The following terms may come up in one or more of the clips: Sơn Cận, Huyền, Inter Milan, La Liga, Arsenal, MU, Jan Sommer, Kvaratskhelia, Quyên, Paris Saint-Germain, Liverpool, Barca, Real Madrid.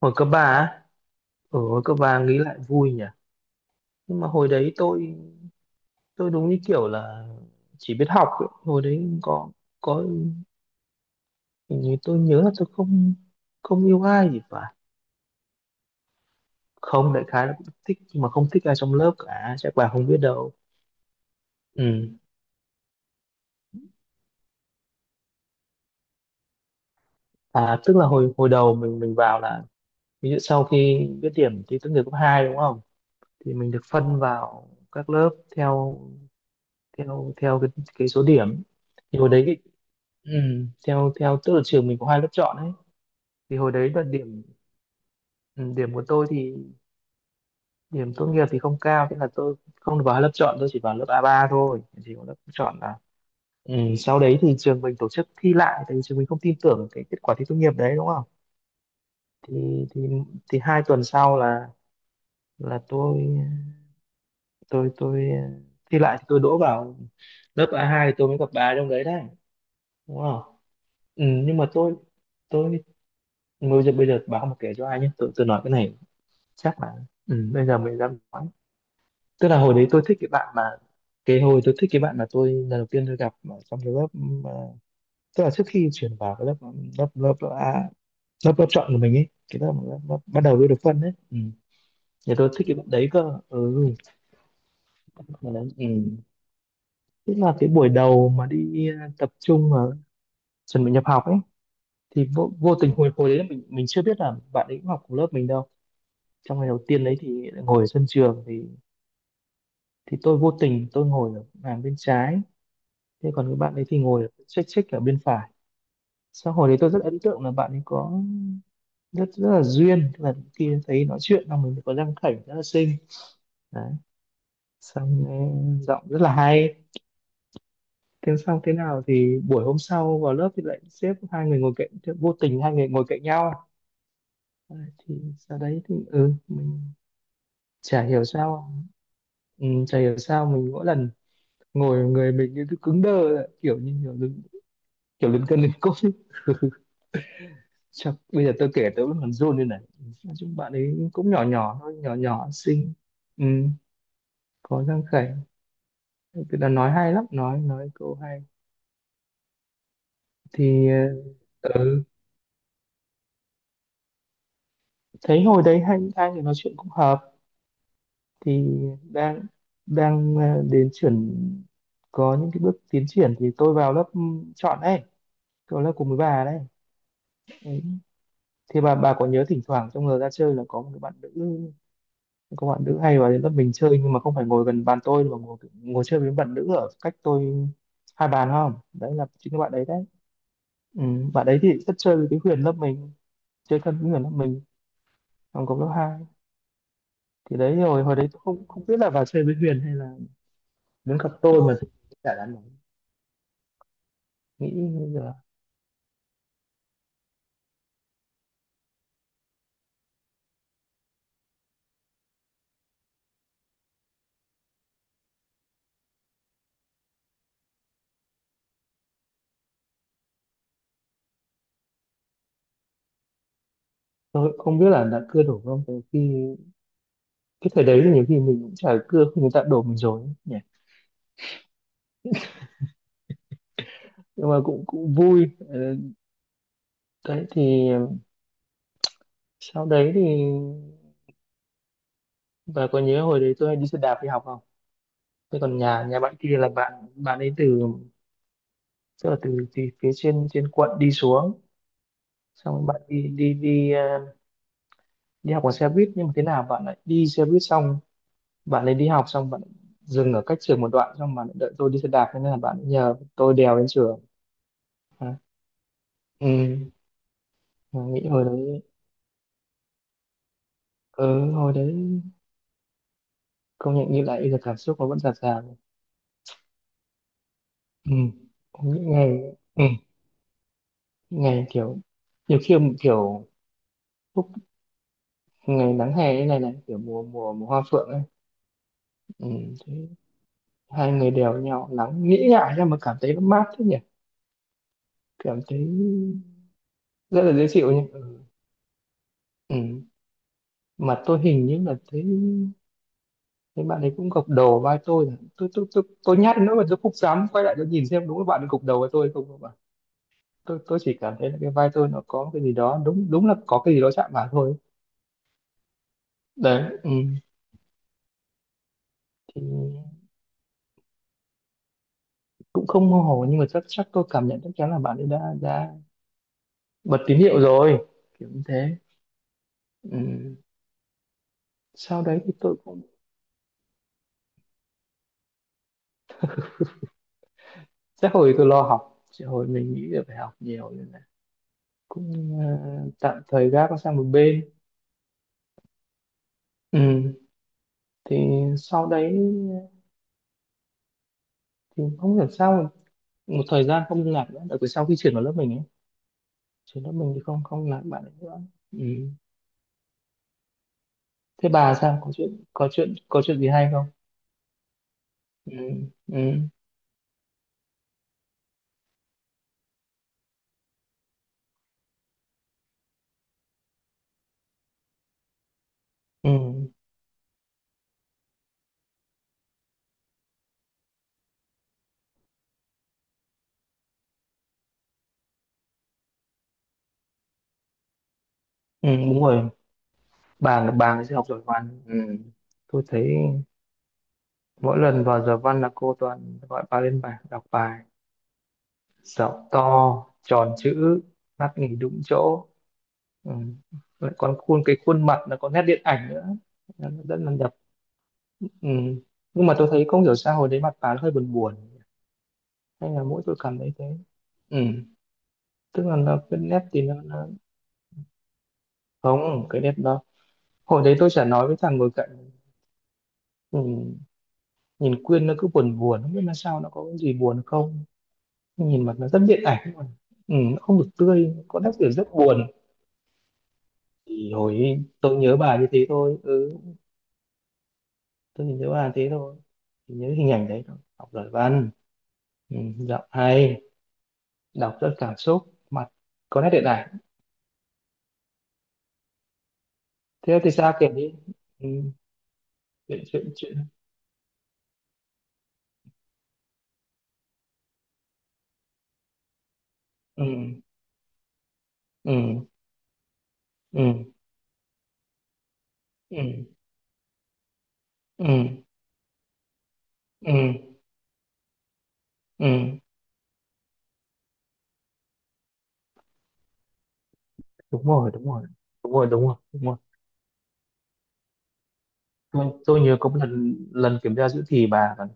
Hồi cấp ba á, ở hồi cấp 3 nghĩ lại vui nhỉ. Nhưng mà hồi đấy tôi đúng như kiểu là chỉ biết học ấy. Hồi đấy có, hình như tôi nhớ là tôi không không yêu ai gì phải. Không, đại khái là cũng thích nhưng mà không thích ai trong lớp cả, chắc bà không biết đâu. Ừ. À, tức là hồi hồi đầu mình vào là, ví dụ sau khi biết điểm thi tốt nghiệp cấp 2 đúng không? Thì mình được phân vào các lớp theo, theo cái số điểm. Thì hồi đấy cái, ừ, theo theo tức là trường mình có hai lớp chọn ấy, thì hồi đấy là điểm, ừ, điểm của tôi thì, điểm tốt nghiệp thì không cao, thế là tôi không được vào hai lớp chọn, tôi chỉ vào lớp A ba thôi, chỉ có lớp chọn là, ừ, sau đấy thì trường mình tổ chức thi lại tại vì trường mình không tin tưởng cái kết quả thi tốt nghiệp đấy đúng không, thì thì thì hai tuần sau là, là tôi tôi thi lại thì tôi đỗ vào lớp A hai, thì tôi mới gặp bà trong đấy đấy đúng không. Ừ, nhưng mà tôi, bây giờ báo mà kể cho ai nhé, tôi nói cái này chắc là, ừ, bây giờ mới dám nói. Tức là hồi đấy tôi thích cái bạn mà, cái hồi tôi thích cái bạn mà tôi lần đầu tiên tôi gặp ở trong cái lớp, ừ, mà, tức là trước khi chuyển vào cái lớp, ừ, lớp lớp lớp A, lớp lớp chọn của mình ấy, cái lớp bắt đầu tôi được phân ấy, ừ. Thì tôi thích cái bạn đấy cơ, ừ. Mà đấy, ừ, tức là cái buổi đầu mà đi tập trung mà chuẩn bị nhập học ấy, thì vô tình hồi hồi đấy mình chưa biết là bạn ấy cũng học cùng lớp mình đâu. Trong ngày đầu tiên đấy thì ngồi ở sân trường, thì tôi vô tình tôi ngồi ở hàng bên trái, thế còn cái bạn ấy thì ngồi chếch chếch ở bên phải. Sau hồi đấy tôi rất ấn tượng là bạn ấy có rất rất là duyên. Tức là khi thấy nói chuyện là mình có răng khểnh rất là xinh, đấy, xong, ừ, giọng rất là hay. Thế xong thế nào thì buổi hôm sau vào lớp thì lại xếp hai người ngồi cạnh, thì vô tình hai người ngồi cạnh nhau. Đấy, thì sau đấy thì, ừ, mình chả hiểu sao, ừ, chả hiểu sao mình mỗi lần ngồi người mình như cứ cứng đơ, kiểu như kiểu đứng, kiểu lấn cân lấn cốt ấy. Chắc, bây giờ tôi kể tôi vẫn còn run lên này. Nói chung bạn ấy cũng nhỏ nhỏ thôi, nhỏ nhỏ xinh, ừ, có răng khểnh, tức là nói hay lắm, nói câu hay. Thì ờ, ừ, thấy hồi đấy hai hai người nói chuyện cũng hợp, thì đang, đến chuyển có những cái bước tiến triển thì tôi vào lớp, ừ, chọn đấy, tôi lớp cùng với bà đấy, ừ. Thì bà có nhớ thỉnh thoảng trong giờ ra chơi là có một cái bạn nữ, các bạn nữ hay vào đến lớp mình chơi, nhưng mà không phải ngồi gần bàn tôi mà ngồi, chơi với bạn nữ ở cách tôi hai bàn không, đấy là chính các bạn đấy đấy. Ừ, bạn đấy thì rất chơi với cái Huyền lớp mình, chơi thân với Huyền lớp mình, trong cộng lớp hai. Thì đấy, rồi hồi đấy tôi không không biết là vào chơi với Huyền hay là đến gặp tôi mà, chả đáng nói, nghĩ là, tôi cũng không biết là đã cưa đổ không, từ khi cái thời đấy thì nhiều khi mình cũng chả cưa khi người ta đổ mình rồi ấy nhỉ. Nhưng mà cũng cũng vui. Ờ, đấy thì sau đấy thì, và có nhớ hồi đấy tôi đi xe đạp đi học không, thế còn nhà nhà bạn kia là bạn, ấy từ, tức là từ phía trên, quận đi xuống, xong rồi bạn đi đi đi ờ, đi học bằng xe buýt, nhưng mà thế nào bạn lại đi xe buýt, xong bạn ấy đi học xong bạn lại dừng ở cách trường một đoạn, xong bạn lại đợi tôi đi xe đạp, thế nên là bạn ấy nhờ tôi đèo đến trường. À, ừ, mà nghĩ hồi đấy, ừ, hồi đấy công nhận nghĩ lại bây giờ cảm xúc nó vẫn dạt dào. Ừ, những ngày, ừ, những ngày kiểu, nhiều khi, kiểu, lúc, ngày nắng hè như này này, kiểu mùa, mùa hoa phượng ấy, ừ, thế hai người đều nhau nắng nghĩ ngại ra mà cảm thấy nó mát thế nhỉ, cảm thấy rất là dễ chịu nhỉ, ừ. Ừ, mà tôi hình như là thấy, bạn ấy cũng gục đầu vai tôi rồi. Tôi nhát nữa mà tôi không dám quay lại tôi nhìn xem đúng là bạn ấy gục đầu với tôi không, bạn, tôi chỉ cảm thấy là cái vai tôi nó có cái gì đó, đúng đúng là có cái gì đó chạm vào thôi, đấy, ừ. Thì cũng không mơ hồ nhưng mà chắc chắc tôi cảm nhận chắc chắn là bạn ấy đã bật tín hiệu rồi, kiểu như thế. Ừ. Sau đấy thì tôi cũng sẽ, hồi tôi lo học, sẽ hồi mình nghĩ là phải học nhiều nên là cũng, tạm thời gác nó sang một bên, ừ. Thì sau đấy thì không hiểu sao mà một thời gian không liên lạc nữa, đặc biệt sau khi chuyển vào lớp mình ấy, chuyển lớp mình thì không không liên lạc với bạn ấy nữa, ừ. Thế bà sao, có chuyện, có chuyện gì hay không? Ừ. Ừ. Ừ. Ừ, đúng rồi, bà ấy sẽ học giỏi văn, ừ. Tôi thấy mỗi lần vào giờ văn là cô toàn gọi bà lên bài đọc bài, dạo to, tròn chữ, mắt nghỉ đúng chỗ, ừ. Lại còn cái khuôn mặt nó có nét điện ảnh nữa. Nó rất là đẹp, ừ. Nhưng mà tôi thấy không hiểu sao hồi đấy mặt bà nó hơi buồn buồn, hay là mỗi tôi cảm thấy thế, ừ. Tức là nó cái nét thì nó không, cái nét đó, hồi đấy tôi chả nói với thằng ngồi cạnh, ừ, nhìn Quyên nó cứ buồn buồn không biết là sao, nó có cái gì buồn không, nhìn mặt nó rất điện ảnh mà, ừ, nó không được tươi, có nét kiểu rất buồn. Thì hồi ấy tôi nhớ bà như thế thôi, ừ, tôi chỉ nhớ bà thế thôi, chỉ nhớ hình ảnh đấy thôi, học giỏi văn, ừ, giọng hay, đọc rất cảm xúc, mặt có nét điện ảnh. Thế thì sao kể đi, ừ, chuyện chuyện chuyện. Ừ, ừ, ừ, ừ, ừ, ừ, ừ, đúng rồi, đúng rồi, đúng rồi, đúng rồi, đúng rồi. Tôi nhớ có một lần, kiểm tra giữa thì bà còn,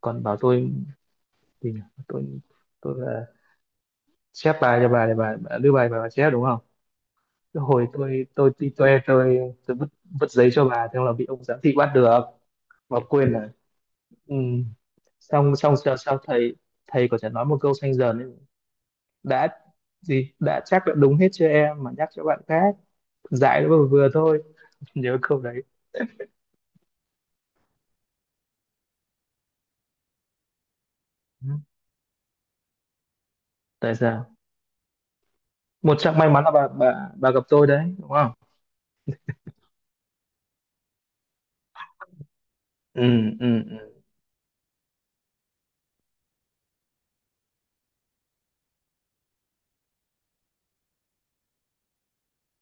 còn bảo tôi, thì tôi, là chép bài cho bà để bà, đưa bài bà, chép đúng không, cái hồi tôi đi toe, tôi vứt, giấy cho bà, thế là bị ông giám thị bắt được mà quên là, ừ. Xong, sao, thầy, có thể nói một câu xanh dần ấy, đã gì, đã chắc đã đúng hết cho em mà nhắc cho bạn khác, dạy nó vừa vừa thôi. Nhớ câu đấy, ừ. Tại sao một trong may mắn là bà gặp tôi đấy đúng không. Ừ, ừ,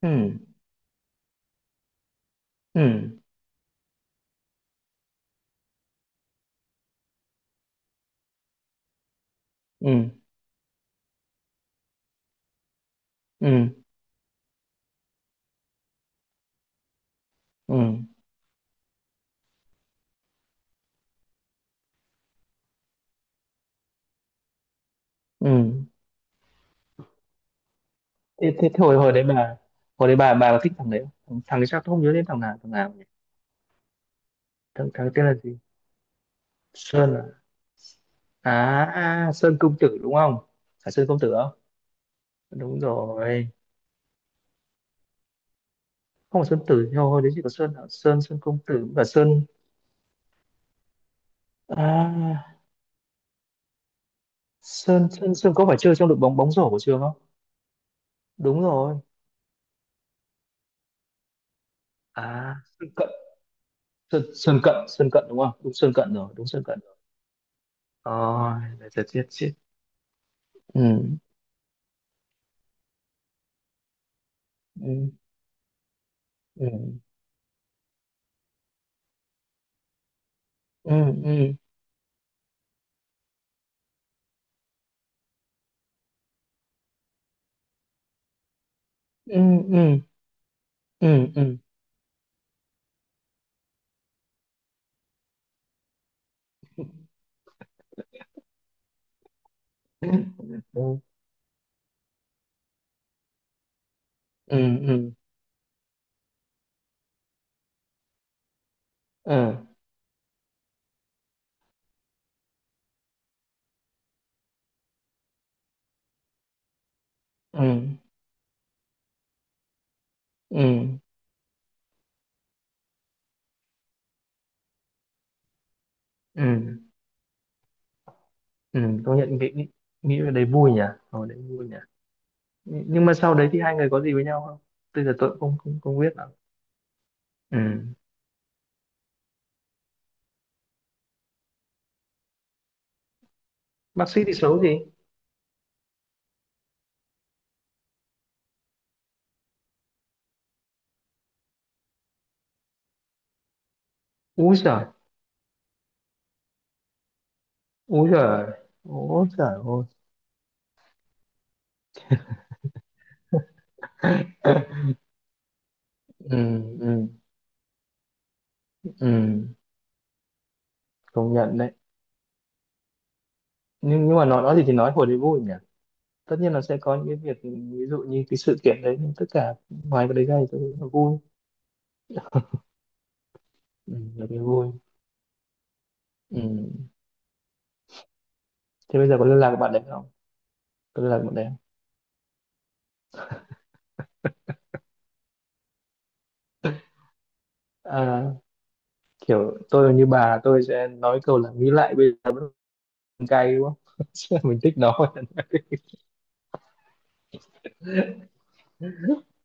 ừ, ừ, ừ, ừ, ừ, ừ, ừ. Thế hồi hồi đấy bà, hồi đấy bà có thích thằng đấy không? Thằng thằng ấy sao tôi không nhớ đến thằng nào nhỉ. Thằng thằng tên là gì, Sơn, Sơn công tử đúng không, phải Sơn công tử không, đúng rồi, không phải Sơn tử, nhưng mà hồi đấy chỉ có Sơn à? Sơn, công tử và Sơn à, Sơn Sơn Sơn có phải chơi trong đội bóng bóng rổ của trường không, đúng rồi, à Sơn Cận, Sơn Cận, Sơn Cận đúng không, đúng Sơn Cận rồi, đúng Sơn Cận rồi. Ôi, là chết chết chết. Ừ, ừ, ừ, ừ, ừ, ừ, ừ, ừ, ừ, ừ, ừ, ừ, ừ, ừ, ừ, ừ, ừ. Công nhận nghĩ nghĩ nghĩ về đấy vui nhỉ, ở đấy vui nhỉ. Nhưng mà sau đấy thì hai người có gì với nhau không, bây giờ tôi cũng không không, không biết lắm. Ừ, bác sĩ thì xấu gì, úi giời, úi giời, úi giời ôi. Ừ, ừ, ừ, công nhận đấy, nhưng mà nói, gì thì nói hồi đấy vui nhỉ. Tất nhiên là sẽ có những cái việc, ví dụ như cái sự kiện đấy, nhưng tất cả ngoài cái đấy ra thì tôi thấy là vui, ừ, là cái vui, ừ. Thế bây giờ có liên lạc với bạn đấy không? Có liên lạc với bạn đấy không? À, kiểu tôi như bà tôi sẽ nói câu là, nghĩ lại bây giờ vẫn còn cay đúng không? Mình thích nó.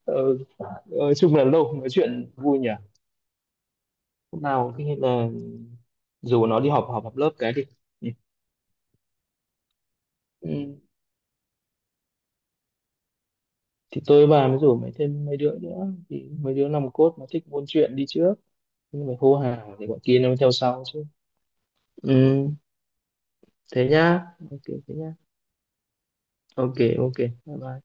Ừ. Chung là lâu không nói chuyện vui nhỉ. Hôm nào khi là dù nó đi họp, họp lớp cái đi, nhỉ? Ừ. Thì tôi và mới rủ mấy, thêm mấy đứa nữa, thì mấy đứa nòng cốt mà thích buôn chuyện đi trước, nhưng mà hô hào thì bọn kia nó mới theo sau chứ. Ừ. Thế nhá. Ok thế nhá. Ok ok. Bye bye.